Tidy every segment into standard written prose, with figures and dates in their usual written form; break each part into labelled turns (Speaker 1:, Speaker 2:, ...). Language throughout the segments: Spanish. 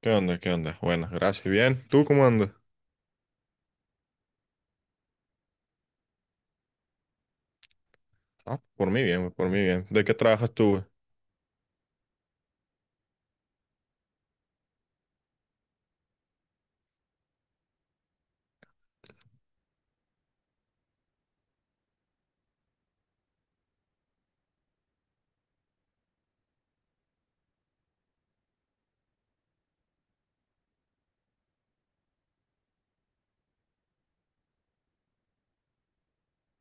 Speaker 1: ¿Qué onda? ¿Qué onda? Bueno, gracias. Bien. ¿Tú cómo andas? Ah, por mí bien, por mí bien. ¿De qué trabajas tú, güey?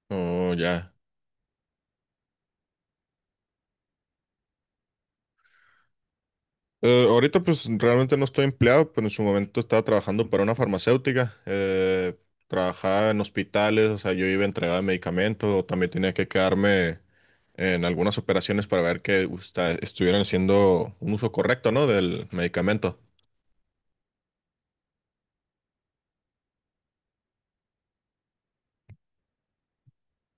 Speaker 1: Oh, ya. Ahorita pues realmente no estoy empleado, pero en su momento estaba trabajando para una farmacéutica. Trabajaba en hospitales, o sea, yo iba a entregar medicamentos, o también tenía que quedarme en algunas operaciones para ver que estuvieran haciendo un uso correcto, ¿no? Del medicamento.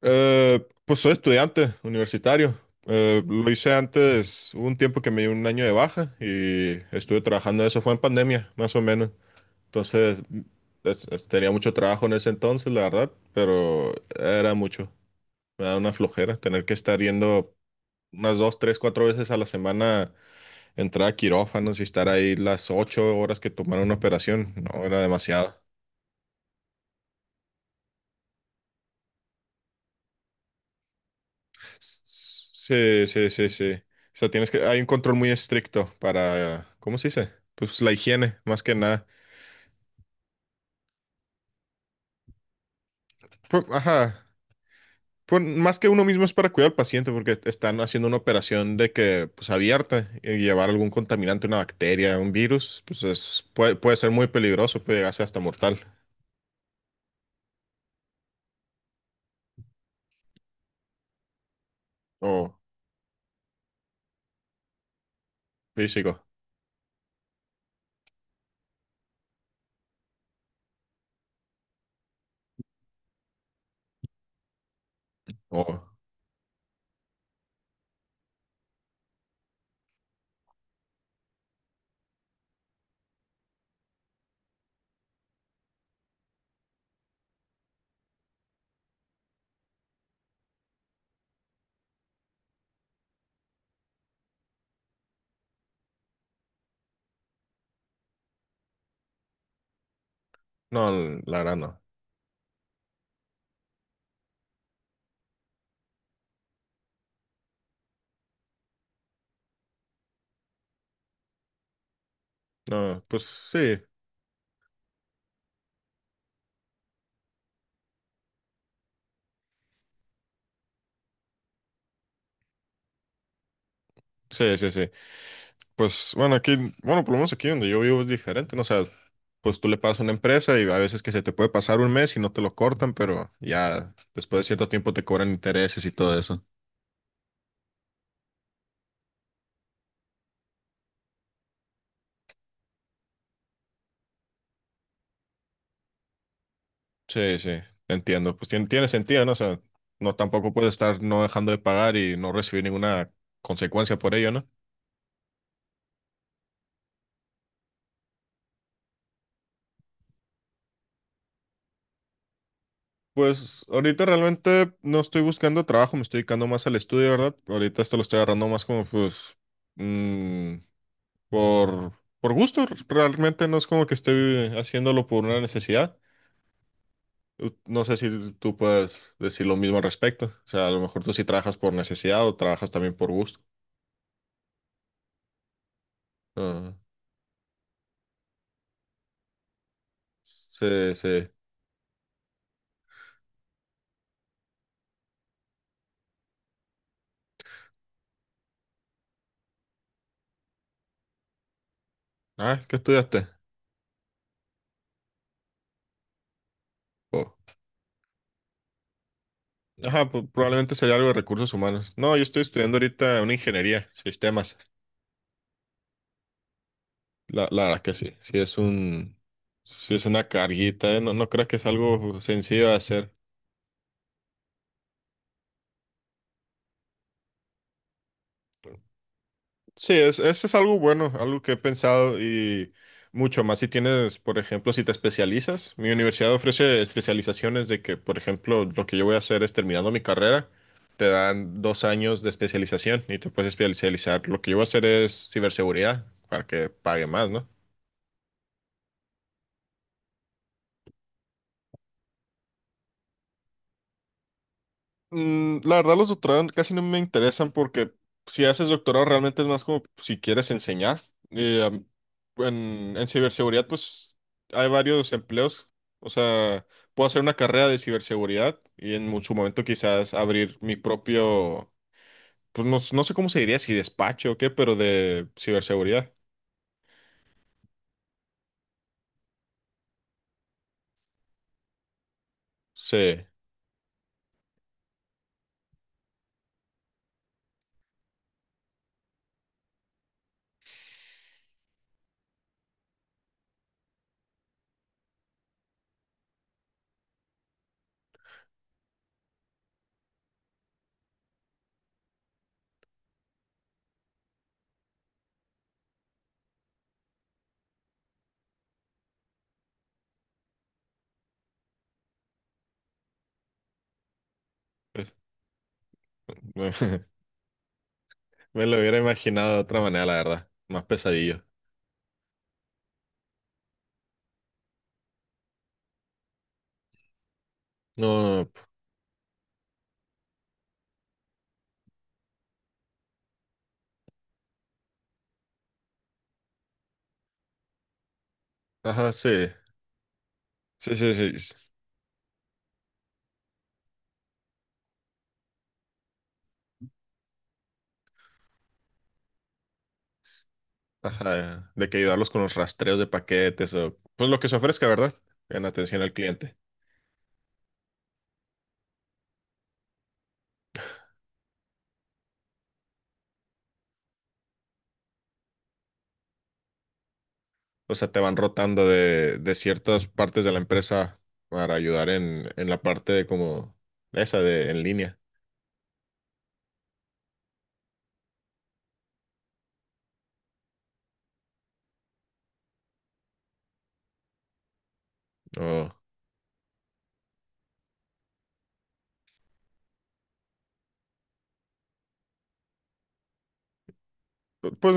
Speaker 1: Pues soy estudiante universitario. Lo hice antes, hubo un tiempo que me dio un año de baja y estuve trabajando, eso fue en pandemia, más o menos. Entonces, tenía mucho trabajo en ese entonces, la verdad, pero era mucho. Me da una flojera tener que estar yendo unas dos, tres, cuatro veces a la semana, entrar a quirófanos y estar ahí las 8 horas que tomaron una operación. No, era demasiado. Sí, sí, sí, sí. O sea, tienes que, hay un control muy estricto para, ¿cómo se dice? Pues la higiene, más que nada. Pues, ajá. Pues más que uno mismo es para cuidar al paciente, porque están haciendo una operación de que, pues abierta, y llevar algún contaminante, una bacteria, un virus, pues puede ser muy peligroso, puede llegar a ser hasta mortal, o físico, o, no, la verdad no. No, pues sí, sí, sí, sí. Pues bueno, aquí, bueno, por lo menos aquí donde yo vivo es diferente, ¿no? O sea, pues tú le pagas a una empresa y a veces que se te puede pasar un mes y no te lo cortan, pero ya después de cierto tiempo te cobran intereses y todo eso. Sí, sí, te entiendo. Pues tiene sentido, ¿no? O sea, no tampoco puedes estar no dejando de pagar y no recibir ninguna consecuencia por ello, ¿no? Pues ahorita realmente no estoy buscando trabajo, me estoy dedicando más al estudio, ¿verdad? Ahorita esto lo estoy agarrando más como pues mm, por, gusto. Realmente no es como que esté haciéndolo por una necesidad. No sé si tú puedes decir lo mismo al respecto. O sea, a lo mejor tú sí trabajas por necesidad o trabajas también por gusto. Ah, sí, sí. Ah, ¿qué estudiaste? Oh. Ajá, pues probablemente sería algo de recursos humanos. No, yo estoy estudiando ahorita una ingeniería, sistemas. La verdad que sí. Sí es una carguita, ¿eh? No, no creo que es algo sencillo de hacer. Sí, es, eso es algo bueno, algo que he pensado y mucho más si tienes, por ejemplo, si te especializas. Mi universidad ofrece especializaciones de que, por ejemplo, lo que yo voy a hacer es terminando mi carrera, te dan 2 años de especialización y te puedes especializar. Lo que yo voy a hacer es ciberseguridad para que pague más, ¿no? La verdad, los doctorados casi no me interesan porque si haces doctorado realmente es más como si quieres enseñar. Eh, am- en ciberseguridad, pues hay varios empleos. O sea, puedo hacer una carrera de ciberseguridad y en su momento quizás abrir mi propio, pues no, no sé cómo se diría, si despacho o qué, pero de ciberseguridad. Sí, pues, me, me lo hubiera imaginado de otra manera, la verdad. Más pesadillo. No, ajá, sí. Sí, sí, sí. Ajá, de que ayudarlos con los rastreos de paquetes o pues lo que se ofrezca, ¿verdad? En atención al cliente. O sea, te van rotando de ciertas partes de la empresa para ayudar en la parte de como esa de en línea. O, pues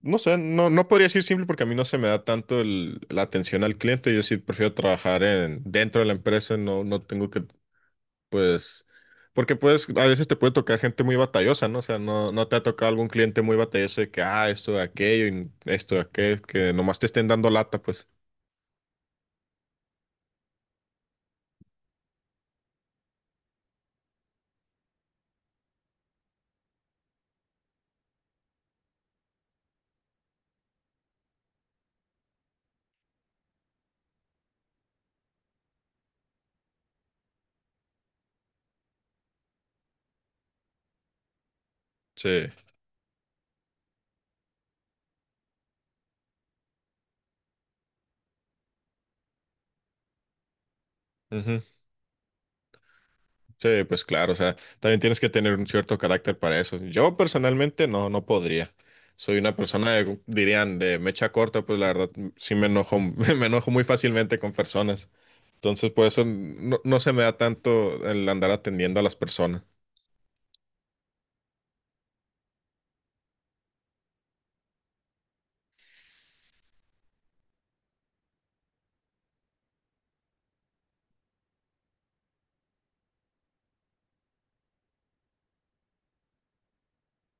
Speaker 1: no sé, no, no podría decir simple porque a mí no se me da tanto la atención al cliente. Yo sí prefiero trabajar dentro de la empresa, no tengo que pues, porque pues a veces te puede tocar gente muy batallosa, ¿no? O sea, no te ha tocado algún cliente muy batalloso de que, ah, esto de aquello, y esto de aquello, que nomás te estén dando lata, pues. Sí. Ujú. Sí, pues claro, o sea, también tienes que tener un cierto carácter para eso. Yo personalmente no podría. Soy una persona, dirían, de mecha corta, pues la verdad sí me enojo, me enojo muy fácilmente con personas. Entonces, por eso no se me da tanto el andar atendiendo a las personas.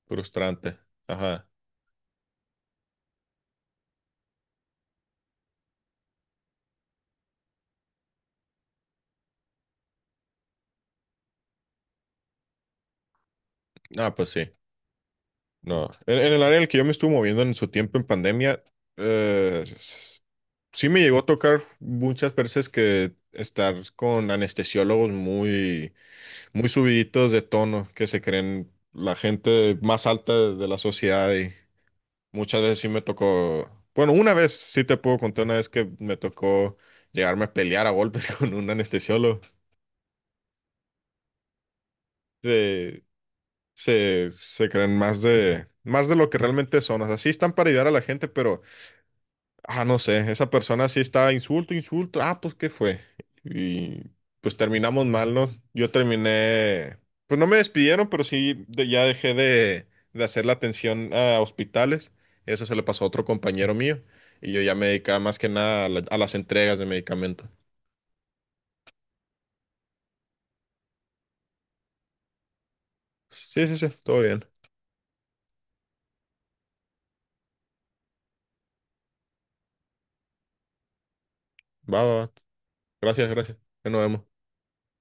Speaker 1: Frustrante. Ajá. Ah, pues sí. No, en, el área en el que yo me estuve moviendo en su tiempo en pandemia, eh, s- sí me llegó a tocar muchas veces que estar con anestesiólogos muy, muy subiditos de tono, que se creen la gente más alta de la sociedad y muchas veces sí me tocó, bueno, una vez sí te puedo contar una vez que me tocó llegarme a pelear a golpes con un anestesiólogo. Se, se creen más de lo que realmente son. O sea, sí están para ayudar a la gente, pero ah, no sé, esa persona sí estaba insulto, insulto. Ah, pues, ¿qué fue? Y pues terminamos mal, ¿no? Yo terminé, pues no me despidieron, pero sí ya dejé de, hacer la atención a hospitales. Eso se le pasó a otro compañero mío y yo ya me dedicaba más que nada a las entregas de medicamentos. Sí, sí, sí, todo bien. Va, va, va. Gracias, gracias. Ya nos vemos.